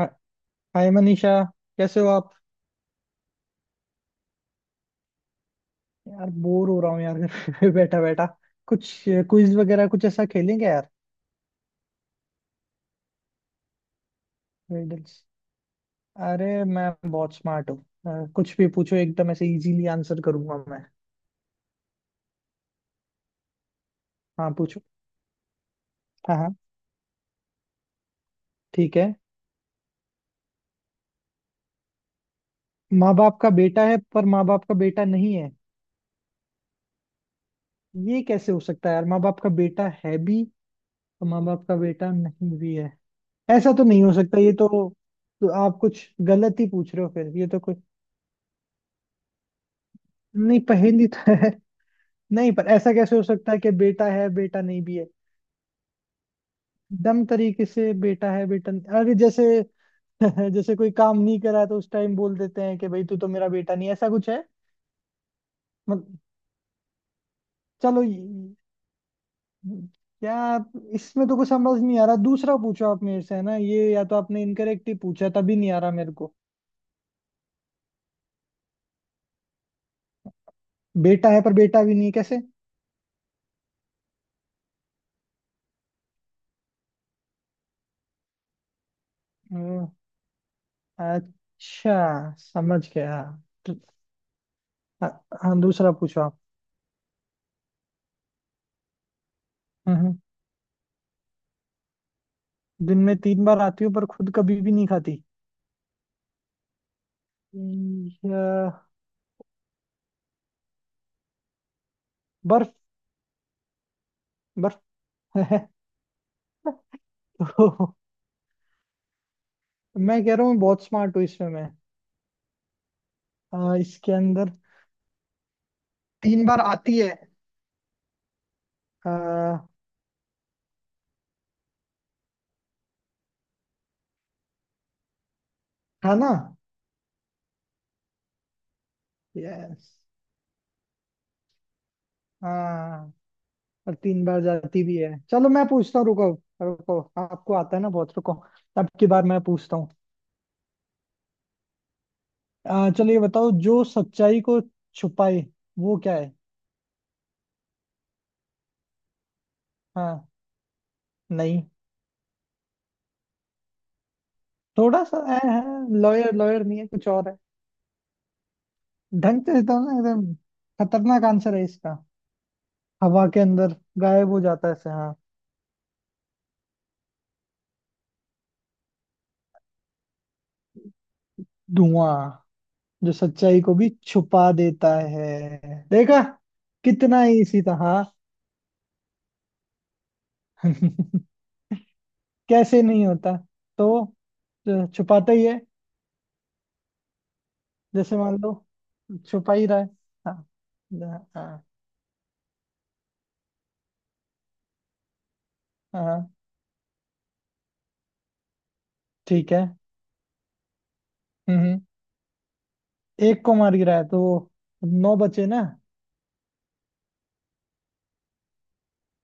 हा- हाय मनीषा। कैसे हो आप? यार बोर हो रहा हूँ यार, घर पे बैठा बैठा कुछ क्विज वगैरह कुछ ऐसा खेलेंगे यार? रिडल्स। अरे मैं बहुत स्मार्ट हूँ, कुछ भी पूछो, एकदम ऐसे इजीली आंसर करूंगा मैं। हाँ, पूछो। हाँ हाँ, ठीक है। माँ बाप का बेटा है पर माँ बाप का बेटा नहीं है। ये कैसे हो सकता है यार? माँ बाप का बेटा है भी और माँ बाप का बेटा नहीं भी है। ऐसा तो नहीं हो सकता ये तो। तो आप कुछ गलत ही पूछ रहे हो फिर, ये तो कुछ। नहीं, पहेली तो है। नहीं पर ऐसा कैसे हो सकता है कि बेटा है बेटा नहीं भी है। दम तरीके से बेटा है बेटा नहीं- अरे जैसे जैसे कोई काम नहीं करा तो उस टाइम बोल देते हैं कि भाई तू तो मेरा बेटा नहीं है, ऐसा कुछ है। मतलब। चलो यार, इसमें तो कुछ समझ नहीं आ रहा, दूसरा पूछो आप मेरे से, है ना? ये या तो आपने इनकरेक्ट ही पूछा तभी नहीं आ रहा मेरे को। बेटा है पर बेटा भी नहीं है, कैसे? हम्म, अच्छा, समझ गया। तो- हाँ हाँ, दूसरा पूछो आप। हम्म, दिन में तीन बार आती हूँ पर खुद कभी भी नहीं खाती। यह- बर्फ। बर्फ है। तो मैं कह रहा हूँ बहुत स्मार्ट हूँ इसमें मैं। इसके अंदर तीन बार आती है। अ, है ना? यस। हाँ और तीन बार जाती भी है। चलो मैं पूछता हूँ, रुको। रुको, आपको आता है ना बहुत, रुको। अब की बार मैं पूछता हूँ। चलो ये बताओ, जो सच्चाई को छुपाए वो क्या है? हाँ। नहीं। थोड़ा सा। लॉयर लॉयर नहीं है, कुछ और है। ढंग से बताओ ना एकदम। खतरनाक आंसर है इसका। हवा के अंदर गायब हो जाता है ऐसे, हाँ। धुआं, जो सच्चाई को भी छुपा देता है। देखा, कितना इसी तरह। कैसे नहीं होता? तो जो छुपाता ही है। जैसे मान लो, छुपा ही रहा है। हाँ, हाँ, हाँ, हाँ, ठीक है। हम्म हम्म, एक को मार गिराया तो नौ बचे ना?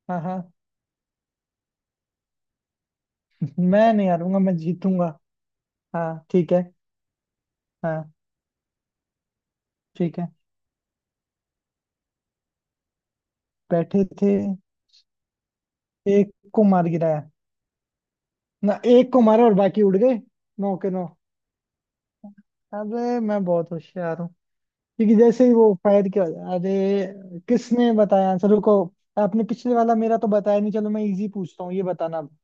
हाँ, हाँ। मैं नहीं हारूंगा, मैं जीतूंगा। हाँ ठीक है। हाँ ठीक है। बैठे थे। एक को मार गिराया। ना, एक को मारा और बाकी उड़ गए। नौ के नौ। अबे, मैं बहुत होशियार हूँ। क्योंकि जैसे ही वो फायर किया। अरे, किसने बताया आंसर, रुको। आपने पिछले वाला मेरा तो बताया नहीं, चलो मैं इजी पूछता हूँ, ये बताना अब।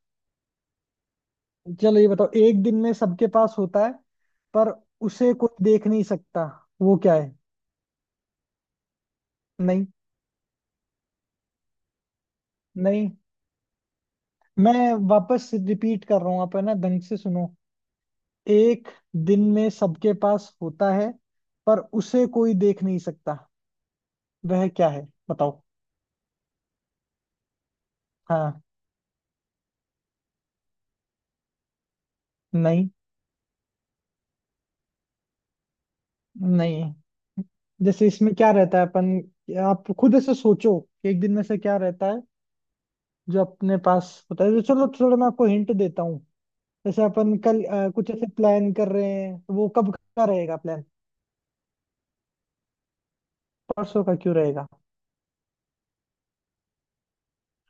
चलो ये बताओ, एक दिन में सबके पास होता है पर उसे कोई देख नहीं सकता, वो क्या है? नहीं, नहीं। मैं वापस रिपीट कर रहा हूँ, आप है ना, ढंग से सुनो। एक दिन में सबके पास होता है पर उसे कोई देख नहीं सकता, वह क्या है? बताओ। हाँ। नहीं, नहीं। जैसे इसमें क्या रहता है अपन? आप खुद ऐसे सोचो कि एक दिन में से क्या रहता है जो अपने पास होता है। तो चलो, थोड़ा मैं आपको हिंट देता हूँ। जैसे अपन कल कुछ ऐसे प्लान कर रहे हैं, तो वो कब का रहेगा प्लान? परसों का क्यों रहेगा?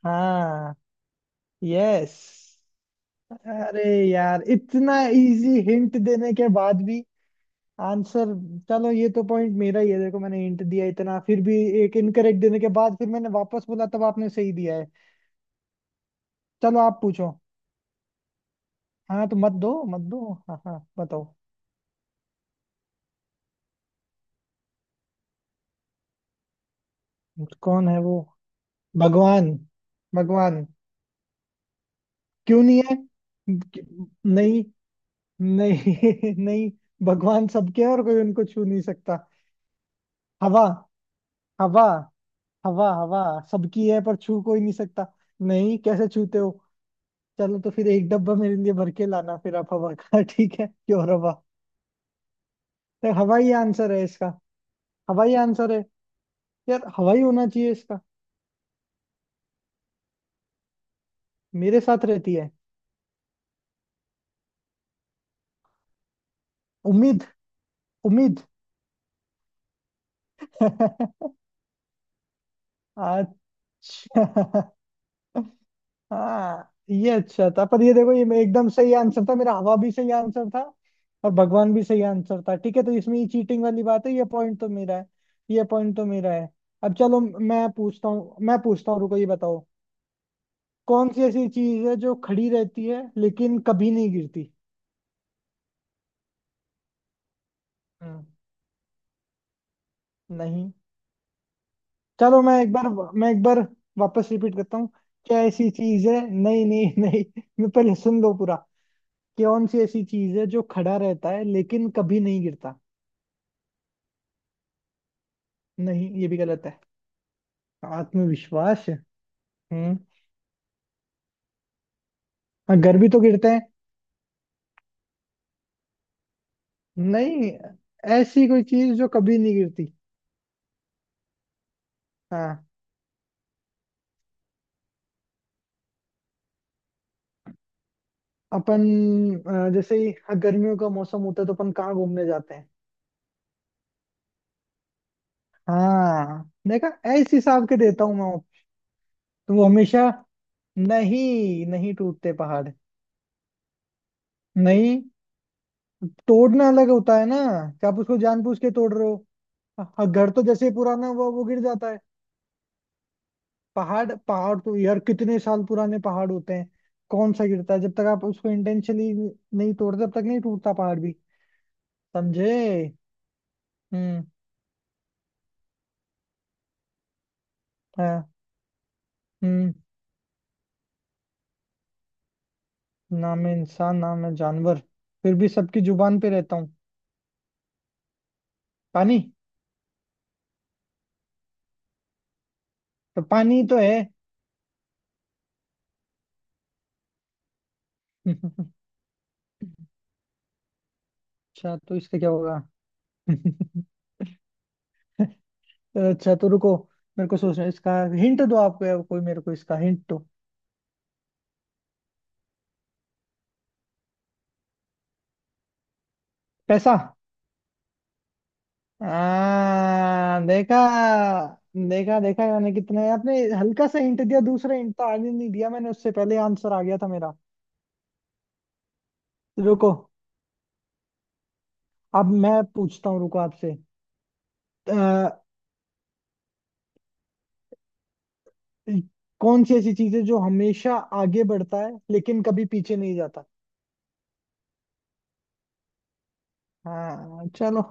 हाँ। यस। अरे यार, इतना इजी हिंट देने के बाद भी आंसर। चलो ये तो पॉइंट मेरा ही है, देखो मैंने हिंट दिया इतना, फिर भी। एक इनकरेक्ट देने के बाद फिर मैंने वापस बोला तब आपने सही दिया है। चलो आप पूछो। हाँ तो मत दो, मत दो, हाँ हाँ, बताओ। कौन है वो? भगवान। भगवान क्यों नहीं है? क्यों- नहीं, नहीं, नहीं। भगवान सबके है और कोई उनको छू नहीं सकता। हवा, हवा, हवा, हवा। सबकी है पर छू कोई नहीं सकता। नहीं, कैसे छूते हो? चलो तो फिर एक डब्बा मेरे लिए भर के लाना फिर आप हवा का ठीक है, क्यों हवा। तो हवा ही आंसर है इसका। हवा ही आंसर है। यार हवा ही होना चाहिए इसका। मेरे साथ रहती है? उम्मीद। उम्मीद अच्छा हाँ ये अच्छा था, पर ये देखो, ये एकदम सही आंसर था मेरा, हवा भी सही आंसर था। और भगवान भी सही आंसर था। ठीक है, तो इसमें ये चीटिंग वाली बात है, ये पॉइंट तो मेरा है। ये पॉइंट तो मेरा है। अब चलो मैं पूछता हूँ, मैं पूछता हूँ, रुको, ये बताओ। कौन सी ऐसी चीज है जो खड़ी रहती है लेकिन कभी नहीं गिरती? हम्म, नहीं। चलो मैं एक बार वापस रिपीट करता हूँ। क्या ऐसी चीज है, नहीं नहीं नहीं, मैं पहले सुन लो पूरा। कौन सी ऐसी चीज है जो खड़ा रहता है लेकिन कभी नहीं गिरता? नहीं, ये भी गलत है। आत्मविश्वास है। हम्म। हाँ, घर भी तो गिरते हैं। नहीं। ऐसी कोई चीज जो कभी नहीं गिरती। हाँ। अपन। जैसे ही हाँ, गर्मियों का मौसम होता है तो अपन कहाँ घूमने जाते हैं? हाँ देखा। ऐसे हिसाब के देता हूँ मैं वो। तो वो हमेशा। नहीं, नहीं टूटते पहाड़। नहीं, तोड़ना अलग होता है ना। क्या आप उसको जानबूझ के तोड़ रहे हो? हाँ, घर तो जैसे ही पुराना हुआ वो गिर जाता है। पहाड़, पहाड़ तो यार कितने साल पुराने पहाड़ होते हैं। कौन सा गिरता है, जब तक आप उसको इंटेंशनली नहीं तोड़ते तब तक नहीं टूटता पहाड़ भी। समझे? हम्म। हाँ। हम्म। ना मैं इंसान, ना मैं जानवर, फिर भी सबकी जुबान पे रहता हूँ। पानी। तो पानी तो है। अच्छा, तो इसका क्या होगा? अच्छा, तो रुको। मेरे को सोचना है, इसका हिंट दो आपको, कोई मेरे को इसका हिंट दो। पैसा। हाँ, देखा, देखा, देखा मैंने, कितने आपने हल्का सा हिंट दिया, दूसरा हिंट तो आगे नहीं दिया मैंने, उससे पहले आंसर आ गया था मेरा। रुको, अब मैं पूछता हूँ, रुको आपसे। अ, कौन सी ऐसी चीज है जो हमेशा आगे बढ़ता है लेकिन कभी पीछे नहीं जाता? हाँ चलो।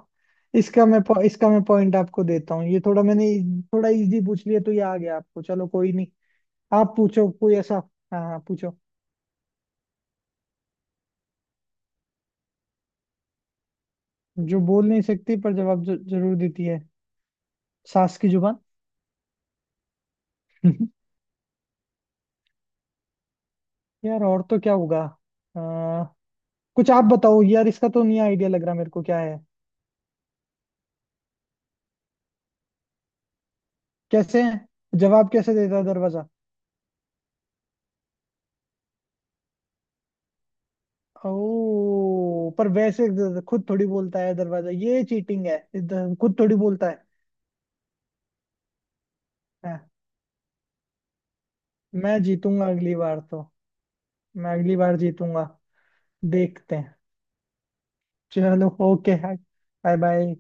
इसका मैं पॉइंट आपको देता हूँ, ये थोड़ा मैंने थोड़ा इजी पूछ लिया तो ये आ गया आपको, चलो कोई नहीं। आप पूछो कोई ऐसा। हाँ हाँ, पूछो। जो बोल नहीं सकती पर जवाब जरूर देती है। सास की जुबान। यार और तो क्या होगा? आ, कुछ आप बताओ यार, इसका तो नहीं आइडिया लग रहा मेरे को, क्या है? कैसे है? जवाब कैसे देता है दरवाजा? ओ पर वैसे खुद थोड़ी बोलता है दरवाजा, ये चीटिंग है इधर, खुद थोड़ी बोलता है। हाँ। मैं जीतूंगा अगली बार तो। मैं अगली बार जीतूंगा। देखते हैं। चलो। ओके। Bye bye.